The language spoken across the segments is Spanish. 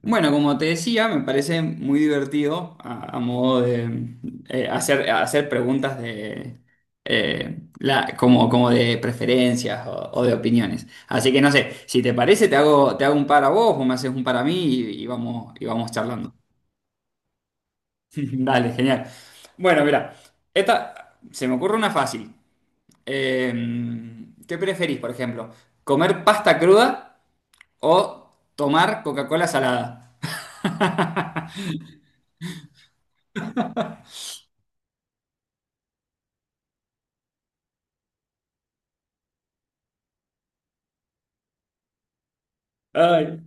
Bueno, como te decía, me parece muy divertido a modo de hacer preguntas de como de preferencias o de opiniones. Así que no sé, si te parece, te hago un par a vos o me haces un par a mí y vamos charlando. Dale, genial. Bueno, mira, esta se me ocurre una fácil. Eh, ¿Qué preferís, por ejemplo? ¿Comer pasta cruda o tomar Coca-Cola salada? Ay.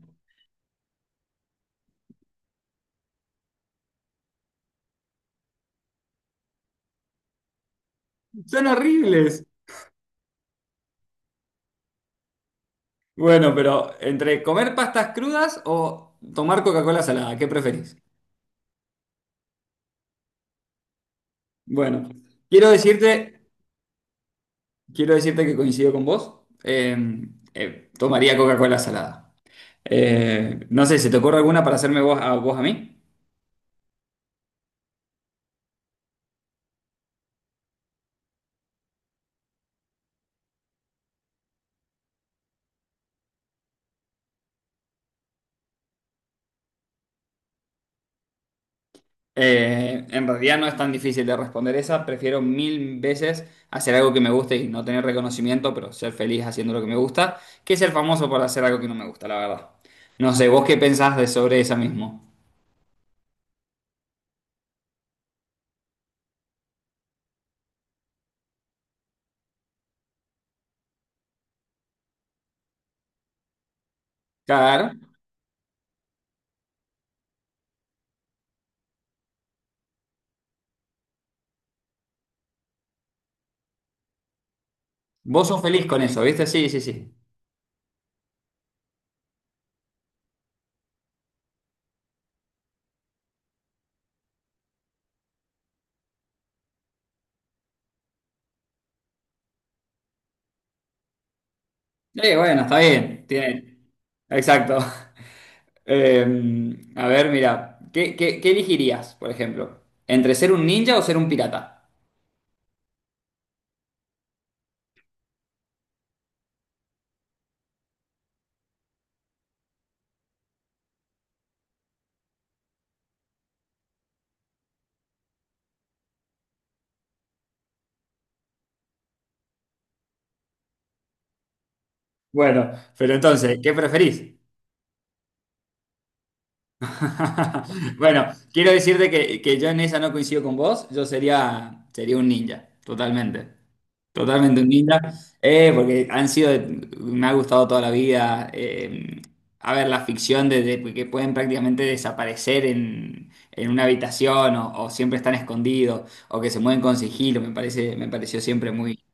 Son horribles. Bueno, pero entre comer pastas crudas o tomar Coca-Cola salada, ¿qué preferís? Bueno, quiero decirte, quiero decirte que coincido con vos. Tomaría Coca-Cola salada. No sé, ¿se te ocurre alguna para hacerme vos a mí? En realidad no es tan difícil de responder esa. Prefiero mil veces hacer algo que me guste y no tener reconocimiento, pero ser feliz haciendo lo que me gusta, que ser famoso por hacer algo que no me gusta, la verdad. No sé, ¿vos qué pensás de sobre esa mismo? Claro. Vos sos feliz con eso, ¿viste? Sí, sí, sí. Bueno, está bien. Tiene... Exacto. Eh, a ver, mira, ¿qué elegirías, por ejemplo? ¿Entre ser un ninja o ser un pirata? Bueno, pero entonces, ¿qué preferís? Bueno, quiero decirte que yo en esa no coincido con vos, yo sería un ninja, totalmente. Totalmente unida, eh, porque han sido, me ha gustado toda la vida, a ver, la ficción de que pueden prácticamente desaparecer en una habitación o siempre están escondidos o que se mueven con sigilo, me pareció siempre muy,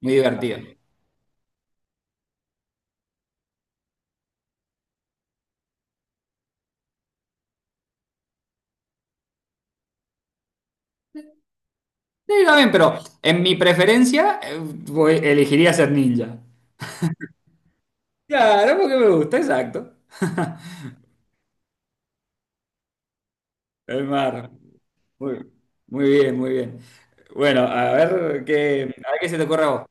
muy divertido. Sí, también, pero en mi preferencia, elegiría ser ninja. Claro, porque me gusta, exacto. El mar. Muy, muy bien, muy bien. Bueno, a ver qué se te ocurre a vos.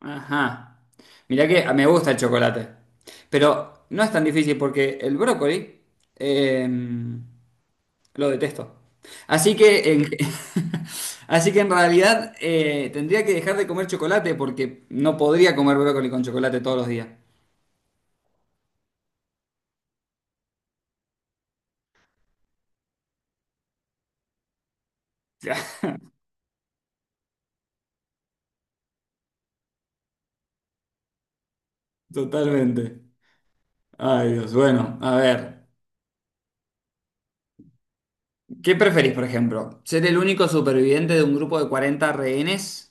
Ajá. Mirá que me gusta el chocolate. Pero no es tan difícil porque el brócoli eh, lo detesto. Así que, así que en realidad tendría que dejar de comer chocolate porque no podría comer brócoli con chocolate todos los días. Totalmente. Ay, Dios. Bueno, a ver. ¿Qué preferís, por ejemplo? ¿Ser el único superviviente de un grupo de 40 rehenes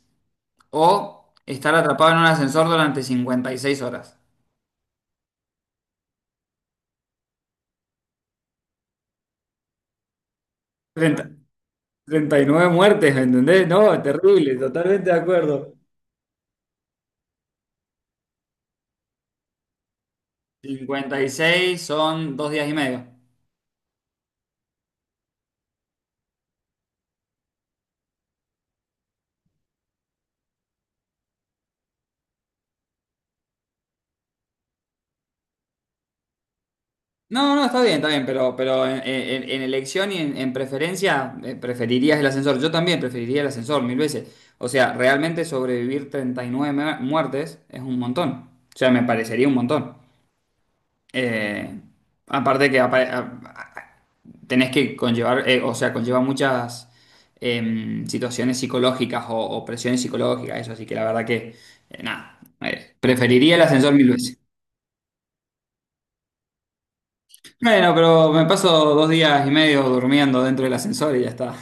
o estar atrapado en un ascensor durante 56 horas? 30. 39 muertes, ¿me entendés? No, terrible, totalmente de acuerdo. 56 son dos días y medio. No, no, está bien, pero en elección y en preferencia, preferirías el ascensor. Yo también preferiría el ascensor mil veces. O sea, realmente sobrevivir 39 muertes es un montón. O sea, me parecería un montón. Eh, Aparte que tenés que conllevar, o sea, conlleva muchas situaciones psicológicas o presiones psicológicas, eso, así que la verdad que, nada, preferiría el ascensor mil veces. Bueno, pero me paso dos días y medio durmiendo dentro del ascensor y ya está.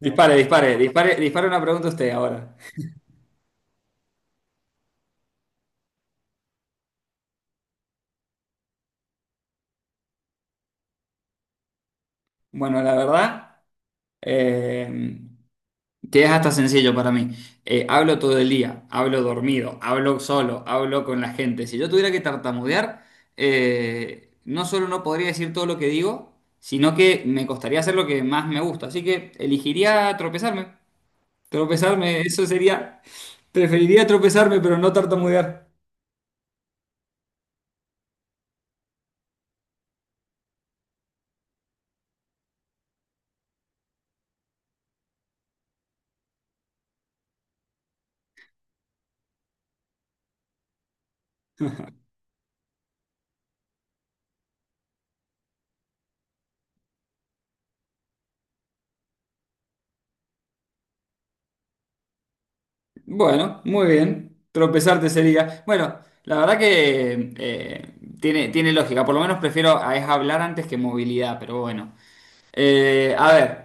Dispare, dispare, dispare, dispare una pregunta usted ahora. Bueno, la verdad, em, Que es hasta sencillo para mí. Hablo todo el día, hablo dormido, hablo solo, hablo con la gente. Si yo tuviera que tartamudear, no solo no podría decir todo lo que digo, sino que me costaría hacer lo que más me gusta. Así que elegiría tropezarme. Tropezarme, eso sería. Preferiría tropezarme, pero no tartamudear. Bueno, muy bien. Tropezarte sería. Bueno, la verdad que tiene lógica. Por lo menos prefiero a es hablar antes que movilidad, pero bueno. A ver,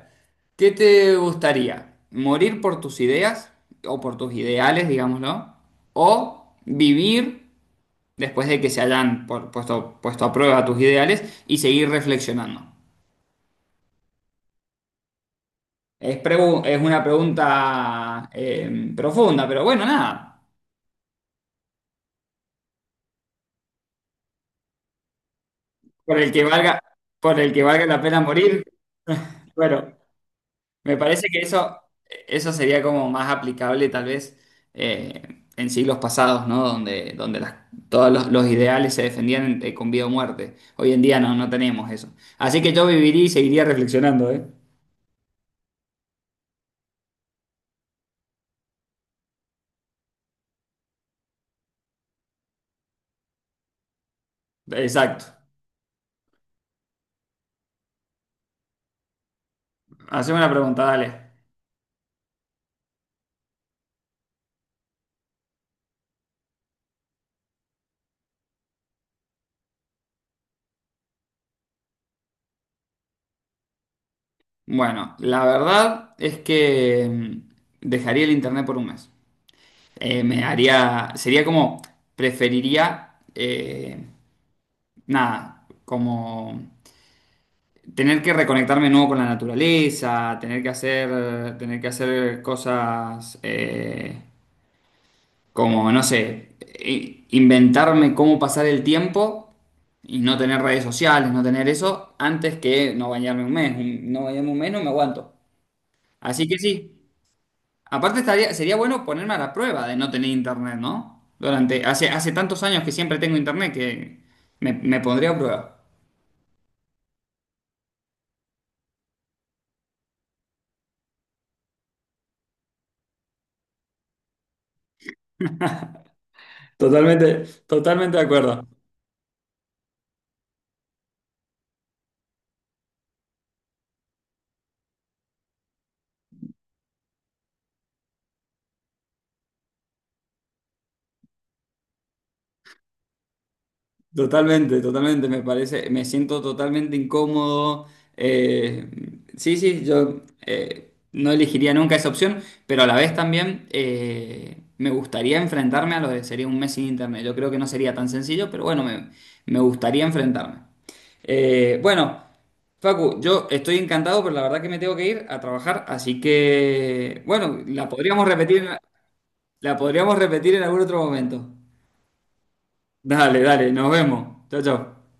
¿qué te gustaría? ¿Morir por tus ideas o por tus ideales, digámoslo? ¿O vivir después de que se hayan puesto a prueba tus ideales y seguir reflexionando? Es una pregunta profunda, pero bueno, nada. Por el que valga, por el que valga la pena morir, bueno. Me parece que eso sería como más aplicable tal vez en siglos pasados, ¿no? Donde todos los ideales se defendían con vida o muerte. Hoy en día no tenemos eso. Así que yo viviría y seguiría reflexionando, ¿eh? Exacto. Haceme una pregunta, dale. Bueno, la verdad es que dejaría el internet por un mes. Me haría, sería como, preferiría, nada, como... Tener que reconectarme de nuevo con la naturaleza, tener que hacer cosas como, no sé, inventarme cómo pasar el tiempo y no tener redes sociales, no tener eso, antes que no bañarme un mes. No bañarme un mes, no me aguanto. Así que sí. Aparte sería bueno ponerme a la prueba de no tener internet, ¿no? Hace tantos años que siempre tengo internet que me pondría a prueba. Totalmente, totalmente de acuerdo. Totalmente, totalmente, me siento totalmente incómodo. eh, sí, sí, yo no elegiría nunca esa opción, pero a la vez también me gustaría enfrentarme a lo de sería un mes sin internet. Yo creo que no sería tan sencillo, pero bueno, me gustaría enfrentarme. Bueno, Facu, yo estoy encantado, pero la verdad que me tengo que ir a trabajar, así que, bueno, la podríamos repetir en algún otro momento. Dale, dale, nos vemos. Chao, chao.